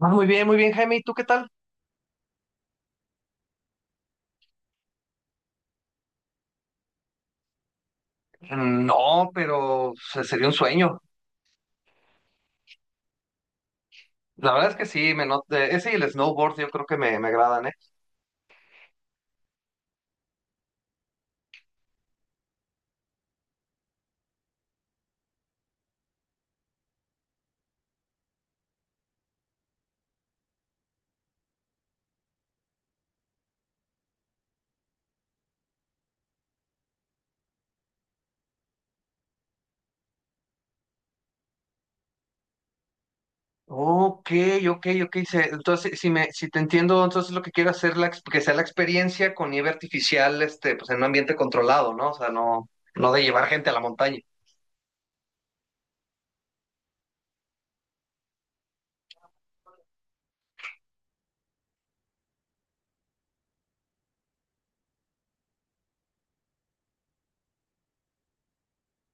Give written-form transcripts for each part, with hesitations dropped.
Ah, muy bien, Jaime. ¿Y tú qué tal? No, pero o sería un sueño. La verdad es que sí, me not- ese y el snowboard yo creo que me agradan, ¿eh? Ok, ok, ok. Entonces, si te entiendo, entonces lo que quiero hacer que sea la experiencia con nieve artificial, este, pues en un ambiente controlado, ¿no? O sea, no de llevar gente a la montaña.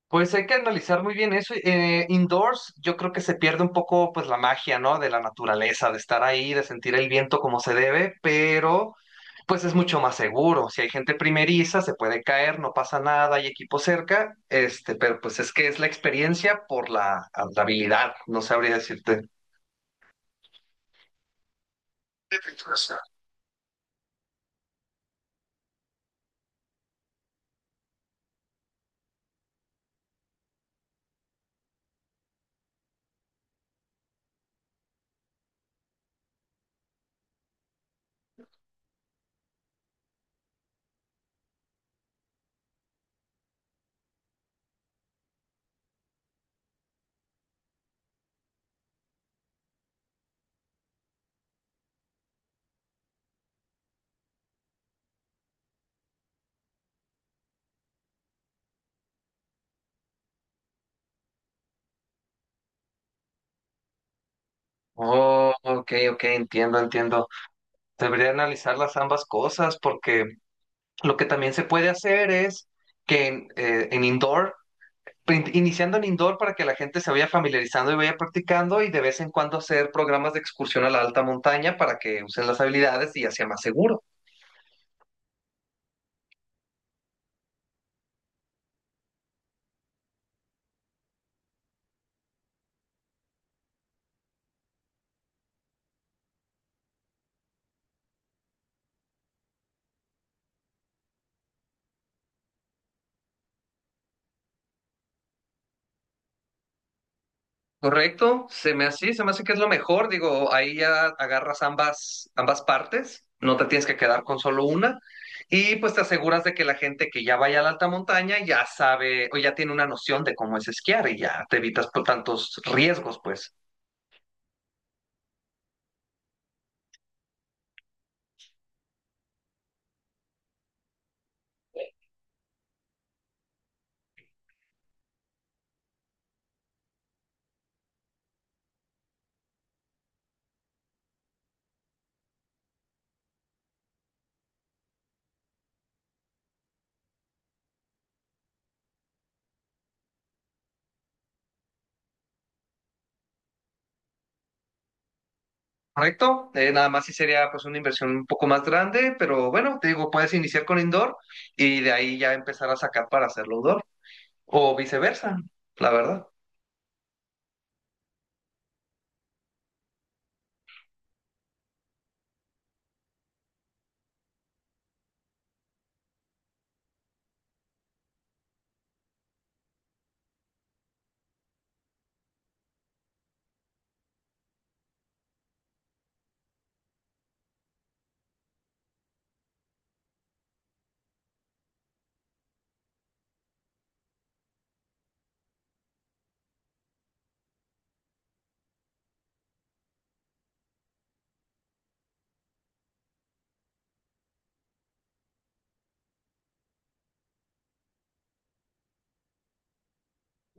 Pues hay que analizar muy bien eso. Indoors, yo creo que se pierde un poco, pues, la magia, ¿no? De la naturaleza, de estar ahí, de sentir el viento como se debe, pero pues es mucho más seguro. Si hay gente primeriza, se puede caer, no pasa nada, hay equipo cerca, este, pero pues es que es la experiencia por la habilidad, no sabría decirte. Oh, ok, ok, entiendo, entiendo. Debería analizar las ambas cosas porque lo que también se puede hacer es que en indoor, iniciando en indoor para que la gente se vaya familiarizando y vaya practicando y de vez en cuando hacer programas de excursión a la alta montaña para que usen las habilidades y ya sea más seguro. Correcto, se me hace que es lo mejor, digo, ahí ya agarras ambas partes, no te tienes que quedar con solo una, y pues te aseguras de que la gente que ya vaya a la alta montaña ya sabe o ya tiene una noción de cómo es esquiar y ya te evitas por tantos riesgos, pues. Correcto. Nada más sí sería pues una inversión un poco más grande, pero bueno, te digo, puedes iniciar con indoor y de ahí ya empezar a sacar para hacerlo outdoor, o viceversa, la verdad.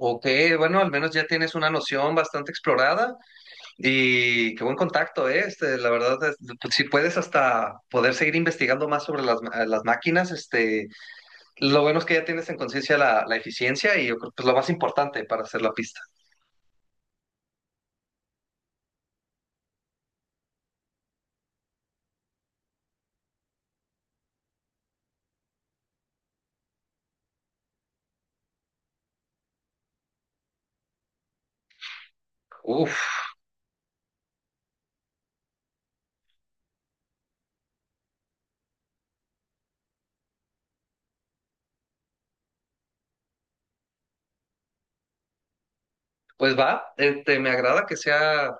Ok, bueno, al menos ya tienes una noción bastante explorada. Y qué buen contacto, ¿eh? Este, la verdad, es- pues, si puedes hasta poder seguir investigando más sobre las máquinas, este, lo bueno es que ya tienes en conciencia la eficiencia y yo creo que es lo más importante para hacer la pista. Uf, pues va, este, me agrada que sea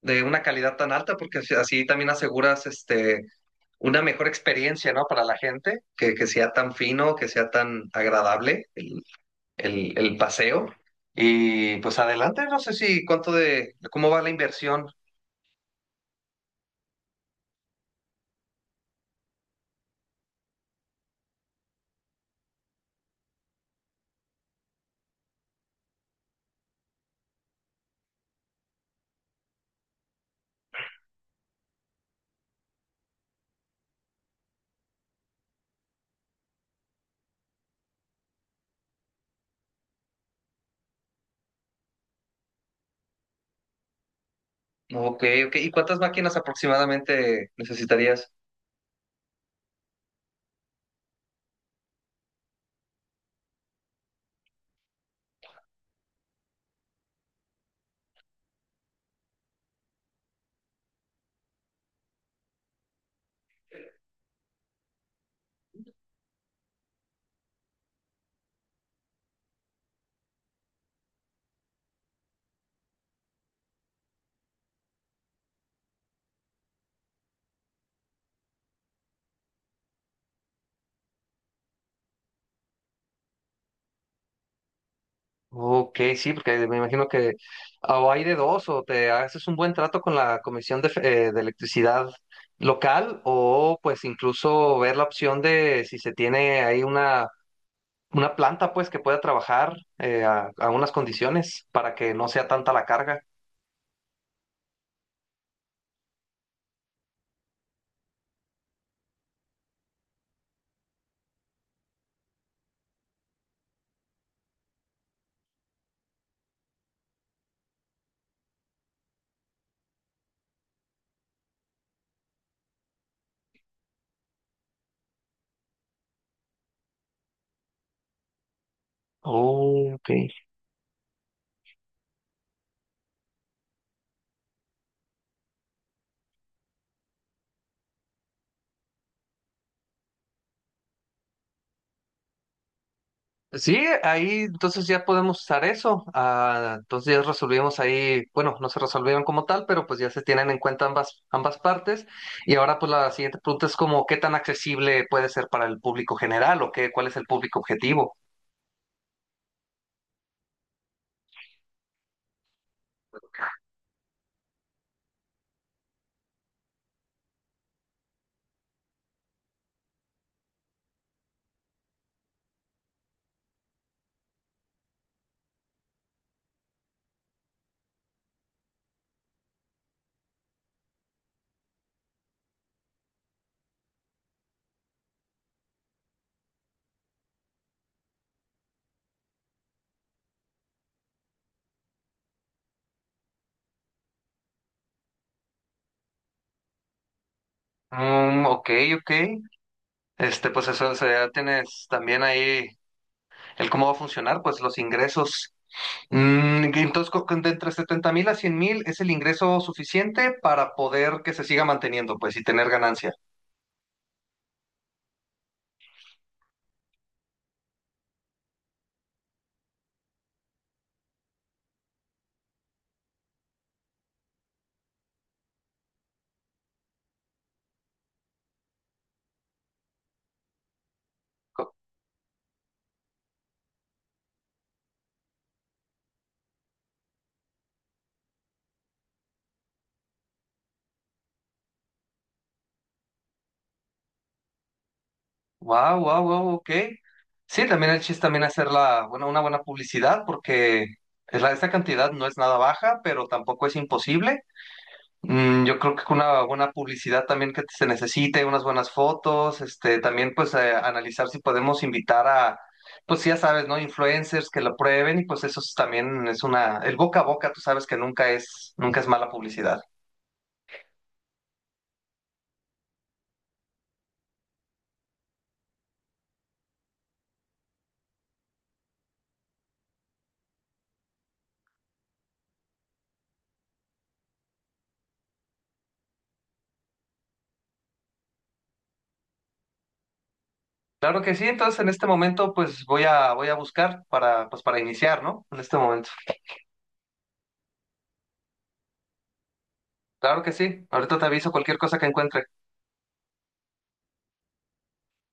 de una calidad tan alta porque así así también aseguras este, una mejor experiencia, ¿no? Para la gente, que sea tan fino, que sea tan agradable el paseo. Y pues adelante, no sé si cuánto de, cómo va la inversión. Ok, ok. ¿Y cuántas máquinas aproximadamente necesitarías? Ok, sí, porque me imagino que o hay de dos, o te haces un buen trato con la Comisión de Electricidad local, o pues incluso ver la opción de si se tiene ahí una planta pues que pueda trabajar a unas condiciones para que no sea tanta la carga. Oh, ok. Sí, ahí entonces ya podemos usar eso. Ah, entonces ya resolvimos ahí, bueno, no se resolvieron como tal, pero pues ya se tienen en cuenta ambas partes. Y ahora pues la siguiente pregunta es como, ¿qué tan accesible puede ser para el público general o qué, cuál es el público objetivo? Mm, ok, ok. Este, pues eso, o sea, ya tienes también ahí el cómo va a funcionar, pues los ingresos. Mm, que entonces, de entre 70.000 a 100.000 es el ingreso suficiente para poder que se siga manteniendo, pues, y tener ganancia. Wow, wow, wow, ok. Sí, también el chiste también hacer la, bueno, una buena publicidad porque es la, esta cantidad no es nada baja, pero tampoco es imposible. Mm, yo creo que con una buena publicidad también que se necesite, unas buenas fotos, este, también pues analizar si podemos invitar a, pues ya sabes, ¿no? Influencers que lo prueben y pues eso es también es una, el boca a boca, tú sabes que nunca nunca es mala publicidad. Claro que sí, entonces en este momento pues voy a buscar para, pues para iniciar, ¿no? En este momento. Claro que sí. Ahorita te aviso cualquier cosa que encuentre.